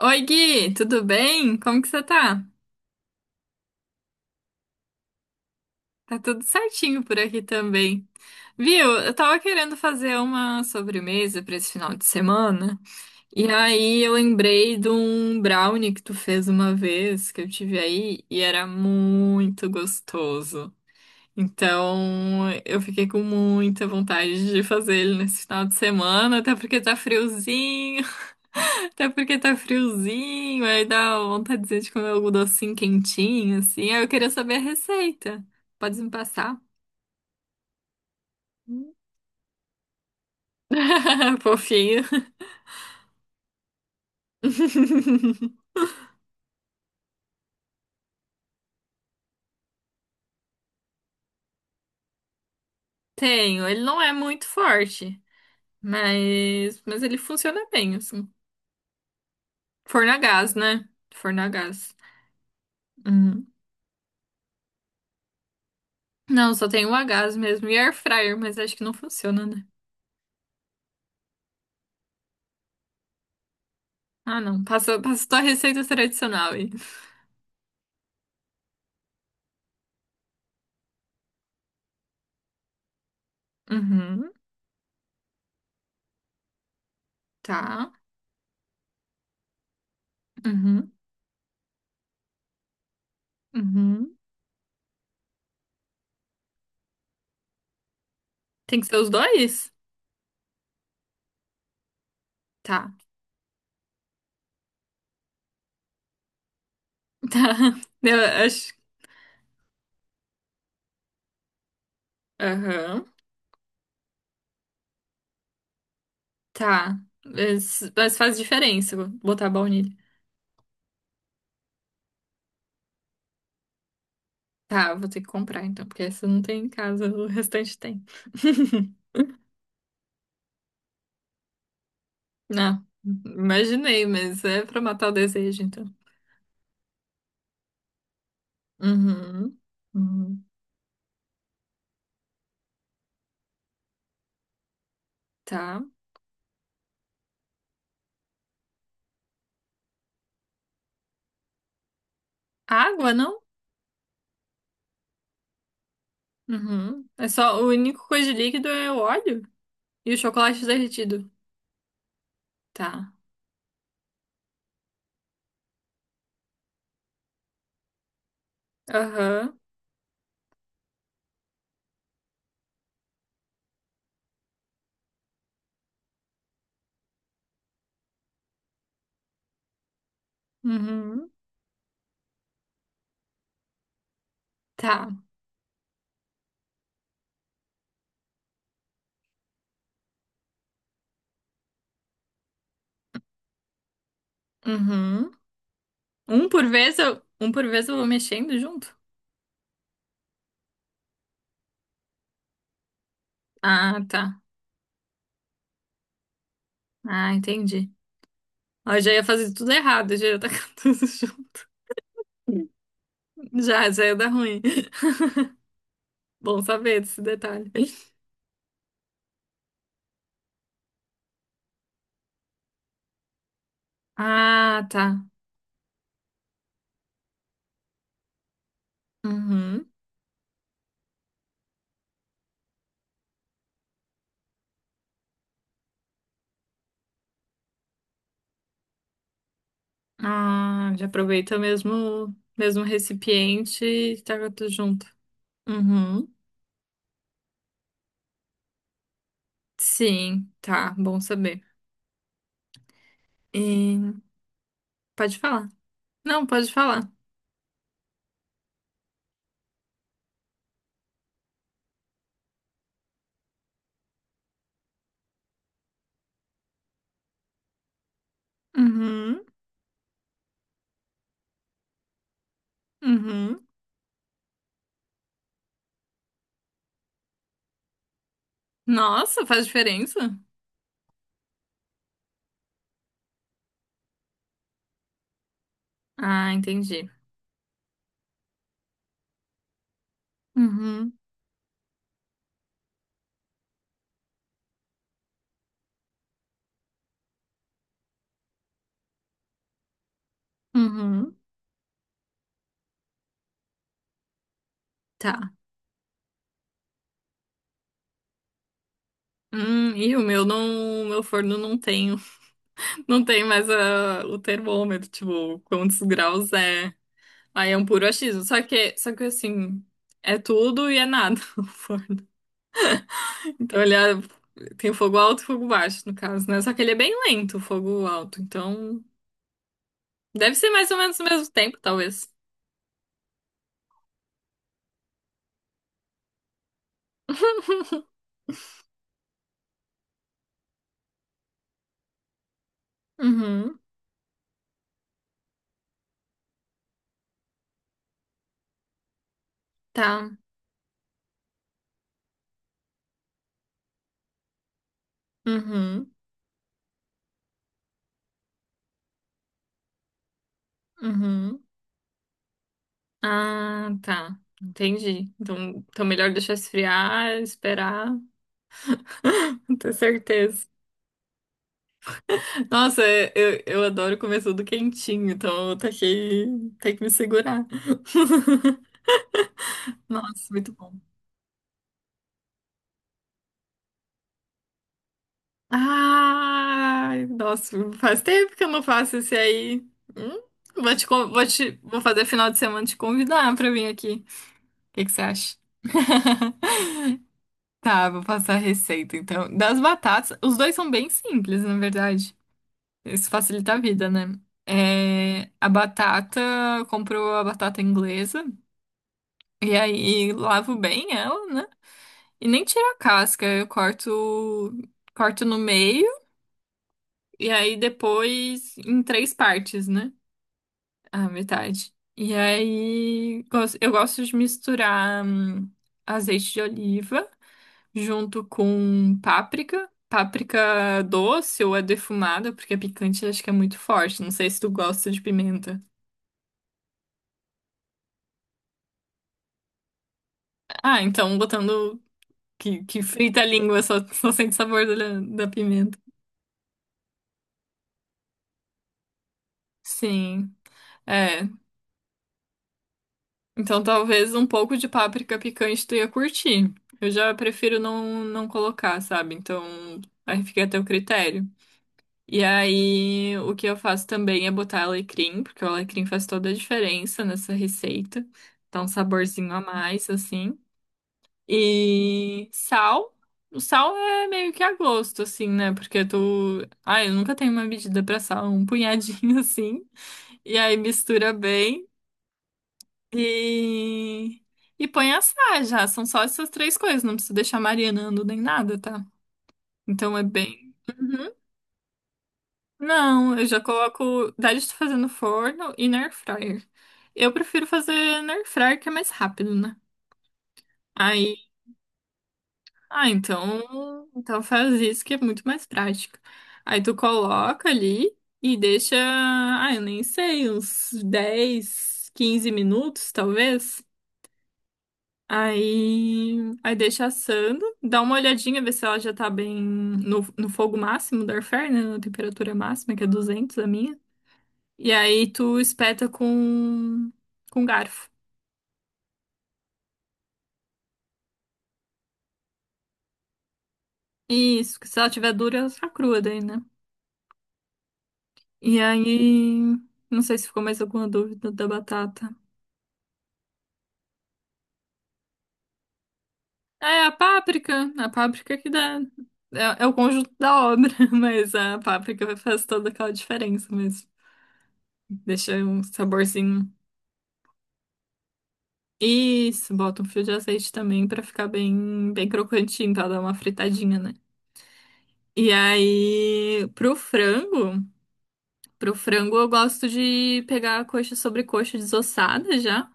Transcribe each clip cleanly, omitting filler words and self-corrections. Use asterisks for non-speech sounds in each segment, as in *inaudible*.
Oi, Gui, tudo bem? Como que você tá? Tá tudo certinho por aqui também. Viu? Eu tava querendo fazer uma sobremesa pra esse final de semana. E aí eu lembrei de um brownie que tu fez uma vez que eu tive aí e era muito gostoso. Então, eu fiquei com muita vontade de fazer ele nesse final de semana, até porque tá friozinho, *laughs* até porque tá friozinho, aí dá vontadezinha de comer algum docinho quentinho, assim. Aí eu queria saber a receita. Pode me passar? *laughs* Fofinho. *laughs* Tenho, ele não é muito forte, mas ele funciona bem, assim. Forno a gás, né? Forno a gás. Uhum. Não, só tem o a gás mesmo e air fryer, mas acho que não funciona, né? Ah, não. Passa, passa só a receita tradicional aí. Uhum, tá. Uhum, uhum. Tem que ser os dois? Tá. Tá. *laughs* Eu acho. Aham. Tá. Mas faz diferença botar baunilha. Tá, eu vou ter que comprar então, porque essa não tem em casa, o restante tem. *laughs* Não, imaginei, mas é pra matar o desejo, então. Uhum, uhum. Tá. Água, não? Uhum. É só, a única coisa de líquido é o óleo e o chocolate derretido. Tá. Aham. Uhum. Tá. Uhum. Um por vez eu vou mexendo junto? Ah, tá. Ah, entendi. Ó, eu já ia fazer tudo errado, já ia tacar *laughs* tudo junto. Já ia dar ruim. *laughs* Bom saber desse detalhe. Ah, tá. Uhum. Ah, já aproveita o mesmo recipiente e taca tudo junto. Uhum. Sim, tá. Bom saber. E... Pode falar. Não, pode falar. Uhum. Uhum. Nossa, faz diferença? Ah, entendi. Uhum, uhum. Tá. E o meu não, o meu forno não tem, *laughs* não tem mais o termômetro, tipo, quantos graus é. Aí é um puro achismo. Só que assim, é tudo e é nada *laughs* o forno. Então ele é- Tem fogo alto e fogo baixo, no caso, né? Só que ele é bem lento, o fogo alto. Então, deve ser mais ou menos o mesmo tempo, talvez. Uhum, tá. Uhum, uhum. Ah, tá. Entendi. Então melhor deixar esfriar, esperar, *laughs* ter certeza. Nossa, eu adoro comer tudo quentinho, então eu taquei, tem que me segurar. *laughs* Nossa, muito bom. Ai, nossa, faz tempo que eu não faço esse aí. Hum, vou fazer final de semana te convidar pra vir aqui. O que que você acha? *laughs* Tá, vou passar a receita então. Das batatas, os dois são bem simples, na verdade. Isso facilita a vida, né? É, a batata, comprou a batata inglesa e aí lavo bem ela, né? E nem tiro a casca, eu corto, corto no meio e aí depois em três partes, né? A metade. E aí eu gosto de misturar azeite de oliva junto com páprica. Páprica doce ou é defumada, porque a picante acho que é muito forte. Não sei se tu gosta de pimenta. Ah, então botando que frita a língua, só, *laughs* só sente sabor da, da pimenta. Sim, é. Então talvez um pouco de páprica picante tu ia curtir. Eu já prefiro não colocar, sabe? Então aí fica a teu critério. E aí o que eu faço também é botar alecrim, porque o alecrim faz toda a diferença nessa receita. Dá um saborzinho a mais, assim. E sal. O sal é meio que a gosto, assim, né? Porque tu. Ai, eu nunca tenho uma medida pra sal, um punhadinho *laughs* assim. E aí mistura bem e. E põe a assar já. São só essas três coisas, não precisa deixar marinando nem nada, tá? Então é bem. Uhum. Não, eu já coloco. Daí estou fazendo forno e na air fryer. Eu prefiro fazer na air fryer que é mais rápido, né? Aí ah, então, então faz isso que é muito mais prático. Aí tu coloca ali e deixa, ah, eu nem sei, uns 10, 15 minutos, talvez. Aí deixa assando, dá uma olhadinha, ver se ela já tá bem no, no fogo máximo do air fryer, né, na temperatura máxima, que é 200 a minha. E aí tu espeta com garfo. Isso, que se ela tiver dura, ela tá crua daí, né? E aí, não sei se ficou mais alguma dúvida da batata. É, a páprica que dá. É, é o conjunto da obra, *laughs* mas a páprica faz toda aquela diferença mesmo. Deixa um saborzinho. Isso, bota um fio de azeite também pra ficar bem, bem crocantinho, pra dar uma fritadinha, né? E aí, pro frango eu gosto de pegar a coxa sobre coxa desossada já.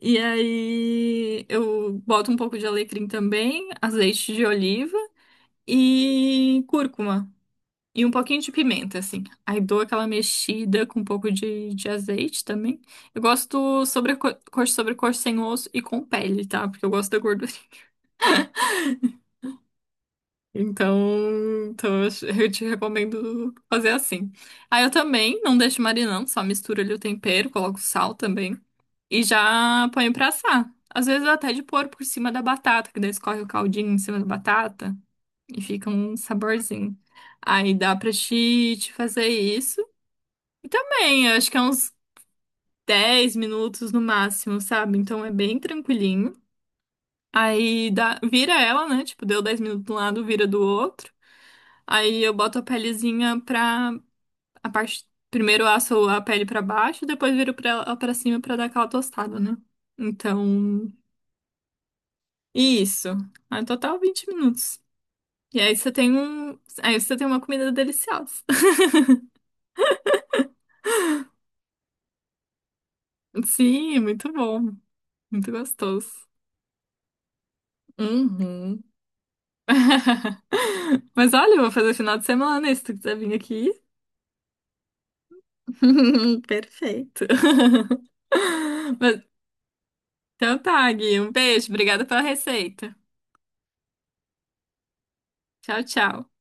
E aí eu boto um pouco de alecrim também, azeite de oliva e cúrcuma. E um pouquinho de pimenta, assim. Aí dou aquela mexida com um pouco de azeite também. Eu gosto sobre cor sem osso e com pele, tá? Porque eu gosto da gordura. *laughs* Então, eu te recomendo fazer assim. Aí eu também não deixo marinando, só misturo ali o tempero, coloco sal também. E já ponho pra assar. Às vezes até de pôr por cima da batata, que daí escorre o caldinho em cima da batata e fica um saborzinho. Aí dá pra te fazer isso. E também, eu acho que é uns 10 minutos no máximo, sabe? Então é bem tranquilinho. Aí dá, vira ela, né? Tipo, deu 10 minutos de um lado, vira do outro. Aí eu boto a pelezinha pra a parte. Primeiro eu asso a pele pra baixo, depois viro ela pra cima pra dar aquela tostada, né? Então. Isso. No total, 20 minutos. E aí você tem um. Aí você tem uma comida deliciosa. *laughs* Sim, muito bom. Muito gostoso. Uhum. *laughs* Mas olha, eu vou fazer final de semana, se tu quiser vir aqui. *laughs* Perfeito. *laughs* Mas, então tá, Gui. Um beijo. Obrigada pela receita. Tchau, tchau.